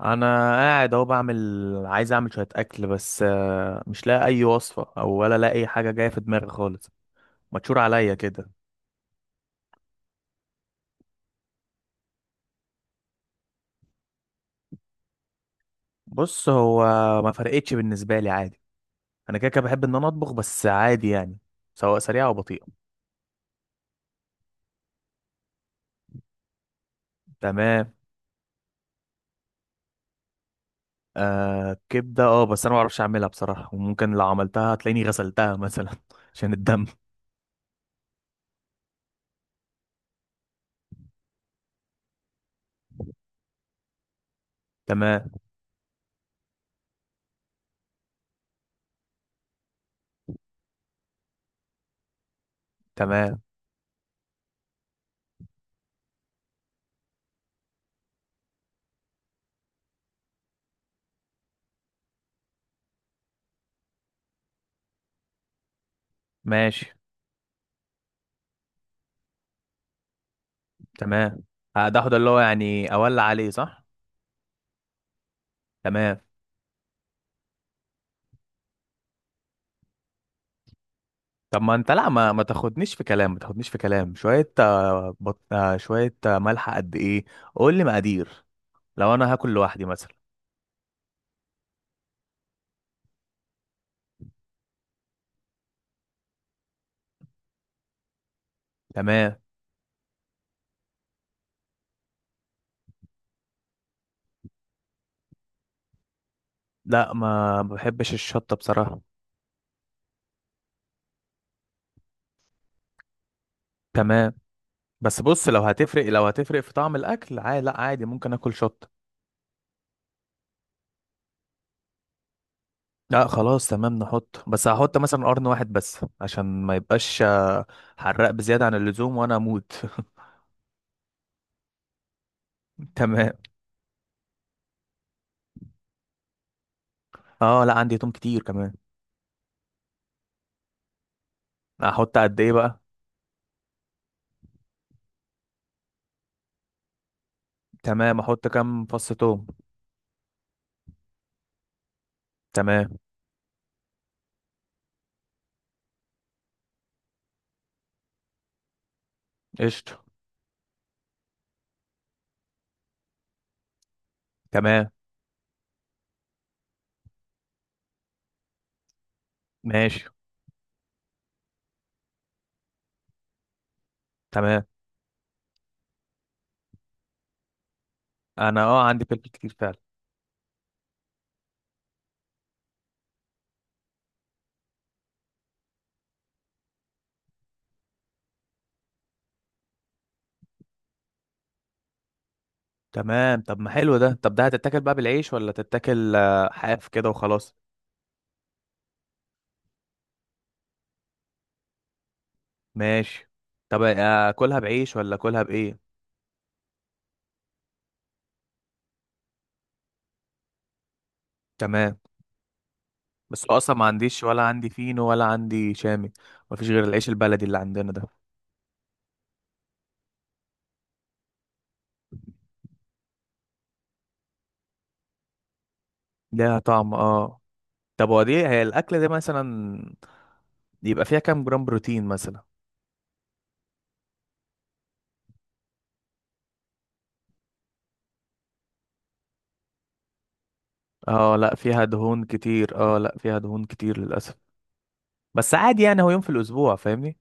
انا قاعد اهو عايز اعمل شويه اكل بس مش لاقي اي وصفه ولا لاقي اي حاجه جايه في دماغي خالص. متشور عليا كده. بص، هو ما فرقتش بالنسبه لي عادي. انا كده كده بحب ان انا اطبخ، بس عادي يعني، سواء سريعه او بطيئه. تمام. آه، كبده، اه، بس انا ما اعرفش اعملها بصراحه، وممكن لو عملتها هتلاقيني غسلتها مثلا عشان الدم. تمام. تمام ماشي. تمام. ده هو ده اللي هو يعني اولع عليه، صح؟ تمام. طب ما انت، لا، ما تاخدنيش في كلام، ما تاخدنيش في كلام، شوية آه، بط... آه، شوية ملح قد ايه؟ قول لي مقادير. لو انا هاكل لوحدي مثلا. تمام. لا، ما بحبش الشطة بصراحة. تمام. بس بص، لو هتفرق في طعم الاكل عادي، لا، عادي ممكن اكل شطة. لا خلاص تمام، نحط، بس هحط مثلا قرن واحد بس عشان ما يبقاش حراق بزيادة عن اللزوم وانا اموت. تمام. اه لا، عندي توم كتير كمان. احط قد ايه بقى؟ تمام، احط كام فص توم؟ تمام، قشطة. تمام ماشي. تمام. انا اه، عندي فلفل كتير فعلا. تمام. طب ما حلو ده، طب ده هتتاكل بقى بالعيش ولا تتاكل حاف كده وخلاص؟ ماشي. طب اكلها بعيش ولا اكلها بايه؟ تمام. بس هو اصلا ما عنديش، ولا عندي فينو ولا عندي شامي، مفيش غير العيش البلدي اللي عندنا ده. ليها طعم، اه. طب، هو دي هي الاكله دي مثلا يبقى فيها كام جرام بروتين مثلا؟ اه لا، فيها دهون كتير، اه لا، فيها دهون كتير للاسف، بس عادي يعني، هو يوم في الاسبوع، فاهمني.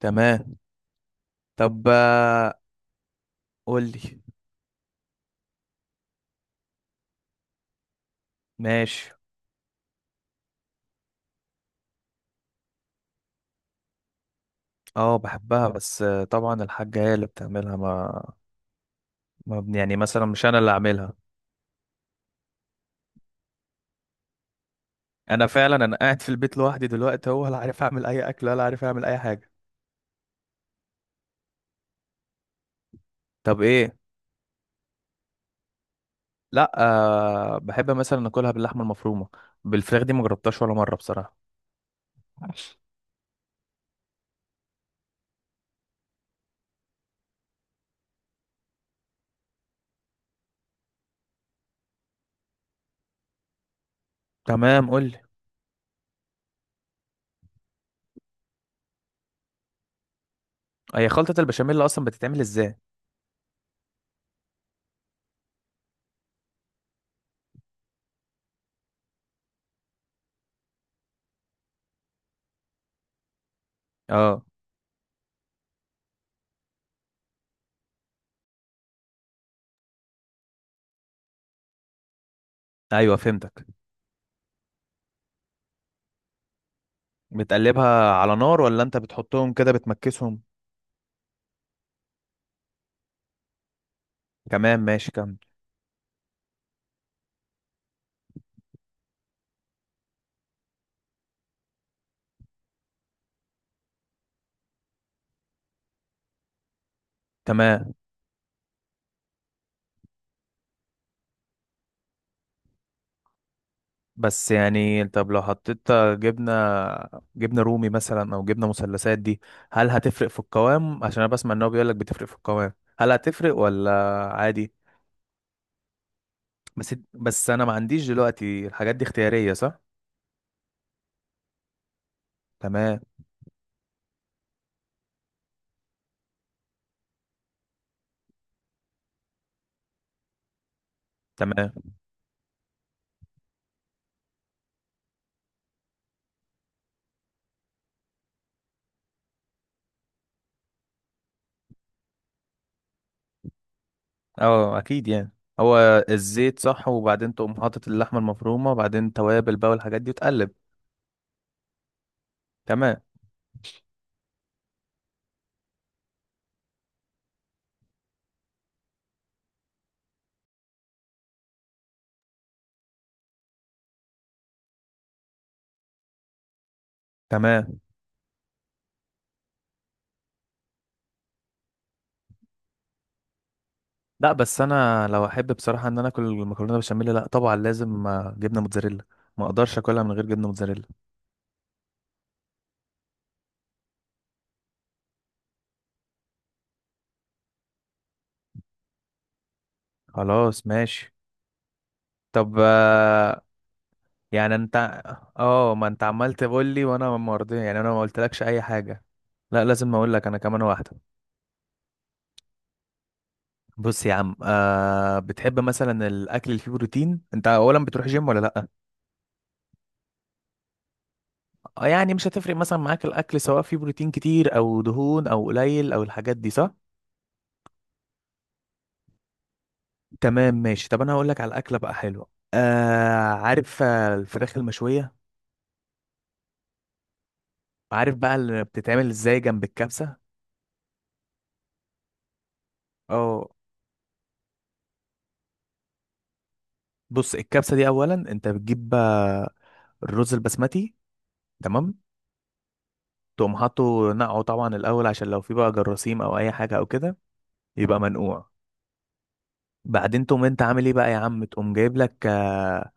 تمام. طب قول لي. ماشي. اه، بحبها بس طبعا الحاجة هي اللي بتعملها، ما, ما بن- يعني مثلا مش انا اللي اعملها. انا فعلا انا قاعد في البيت لوحدي دلوقتي، هو لا عارف اعمل اي اكل ولا عارف اعمل اي حاجة. طب ايه؟ لا. أه، بحب مثلا اكلها باللحمة المفرومة، بالفراخ دي ما جربتهاش ولا مرة بصراحة. تمام قول لي. هي خلطة البشاميل اصلا بتتعمل ازاي؟ اه. ايوه فهمتك. بتقلبها على نار ولا انت بتحطهم كده بتمكسهم؟ تمام ماشي، كمل. تمام. بس يعني، طب لو حطيت جبنة، جبنة رومي مثلا او جبنة مثلثات دي، هل هتفرق في القوام؟ عشان انا بسمع ان هو بيقول لك بتفرق في القوام. هل هتفرق ولا عادي؟ بس، انا ما عنديش دلوقتي، الحاجات دي اختيارية صح؟ تمام. تمام. اه اكيد يعني. هو الزيت، صح؟ وبعدين تقوم حاطط اللحمة المفرومة، وبعدين توابل بقى والحاجات دي، وتقلب. تمام. تمام. لا، بس انا لو احب بصراحة ان انا اكل المكرونة بشاميل، لا طبعا لازم جبنة موتزاريلا، ما اقدرش اكلها من غير جبنه موتزاريلا. خلاص ماشي. طب يعني انت. اه ما انت عمال تقول لي وانا ما رضي يعني، انا ما قلتلكش اي حاجه، لا لازم اقول لك انا كمان واحده. بص يا عم، بتحب مثلا الاكل اللي فيه بروتين؟ انت اولا بتروح جيم ولا لا؟ يعني مش هتفرق مثلا معاك الاكل سواء فيه بروتين كتير او دهون او قليل او الحاجات دي، صح؟ تمام ماشي. طب انا هقول لك على الاكله بقى حلوه. آه، عارف الفراخ المشويه؟ عارف بقى اللي بتتعمل ازاي جنب الكبسه؟ اه. بص، الكبسة دي أولا أنت بتجيب الرز البسمتي. تمام. تقوم حاطه نقعه طبعا الأول عشان لو في بقى جراثيم أو أي حاجة أو كده، يبقى منقوع. بعدين تقوم أنت عامل إيه بقى يا عم،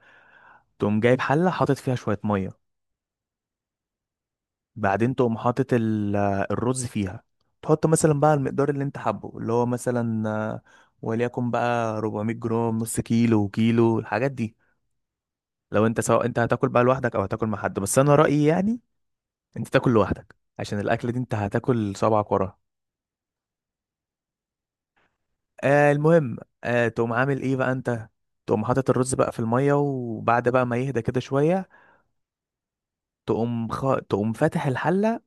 تقوم جايب حلة حاطط فيها شوية مية. بعدين تقوم حاطط الرز فيها. تحط مثلا بقى المقدار اللي أنت حابه، اللي هو مثلا وليكن بقى 400 جرام، نص كيلو، كيلو، الحاجات دي. لو أنت سواء أنت هتاكل بقى لوحدك أو هتاكل مع حد، بس أنا رأيي يعني انت تاكل لوحدك عشان الاكله دي انت هتاكل صبعك وراها. آه المهم، تقوم عامل ايه بقى انت. تقوم حاطط الرز بقى في الميه، وبعد بقى ما يهدى كده شويه، تقوم تقوم فاتح الحله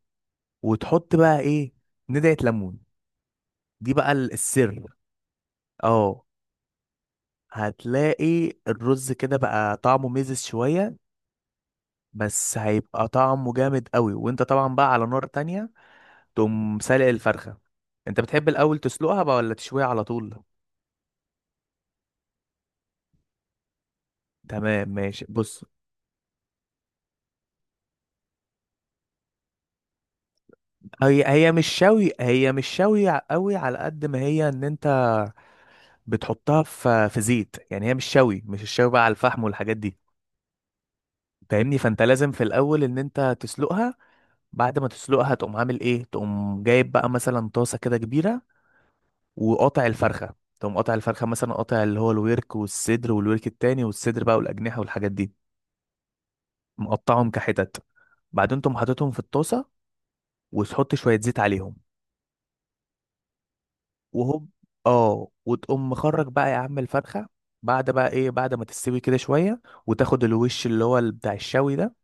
وتحط بقى ايه، ندعه ليمون، دي بقى السر. اه، هتلاقي الرز كده بقى طعمه ميزز شويه، بس هيبقى طعمه جامد قوي، وانت طبعا بقى على نار تانية تقوم سالق الفرخه. انت بتحب الاول تسلقها بقى ولا تشويها على طول؟ تمام ماشي، بص، هي مش شوي، هي مش شوي قوي، على قد ما هي ان انت بتحطها في زيت، يعني هي مش شوي، مش الشوي بقى على الفحم والحاجات دي، فاهمني؟ فانت لازم في الاول ان انت تسلقها. بعد ما تسلقها تقوم عامل ايه، تقوم جايب بقى مثلا طاسه كده كبيره، وقاطع الفرخه، تقوم قاطع الفرخه مثلا، قاطع اللي هو الورك والصدر والورك التاني والصدر بقى والاجنحه والحاجات دي، مقطعهم كحتت. بعدين تقوم حاططهم في الطاسه وتحط شويه زيت عليهم. وهوب، اه، وتقوم مخرج بقى يا عم الفرخة، بعد بقى ايه بعد ما تستوي كده شوية، وتاخد الوش اللي هو بتاع الشوي ده،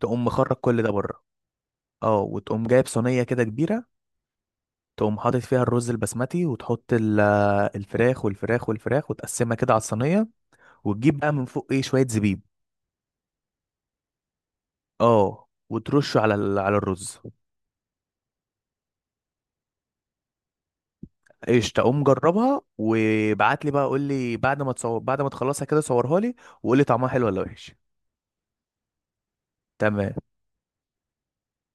تقوم مخرج كل ده بره. اه، وتقوم جايب صينية كده كبيرة، تقوم حاطط فيها الرز البسمتي، وتحط الفراخ والفراخ والفراخ وتقسمها كده على الصينية. وتجيب بقى من فوق ايه، شوية زبيب. اه، وترشه على الرز. ايش، تقوم جربها وابعت لي بقى، قول لي بعد ما تصور، بعد ما تخلصها كده صورها لي، وقول لي طعمها حلو ولا وحش. تمام.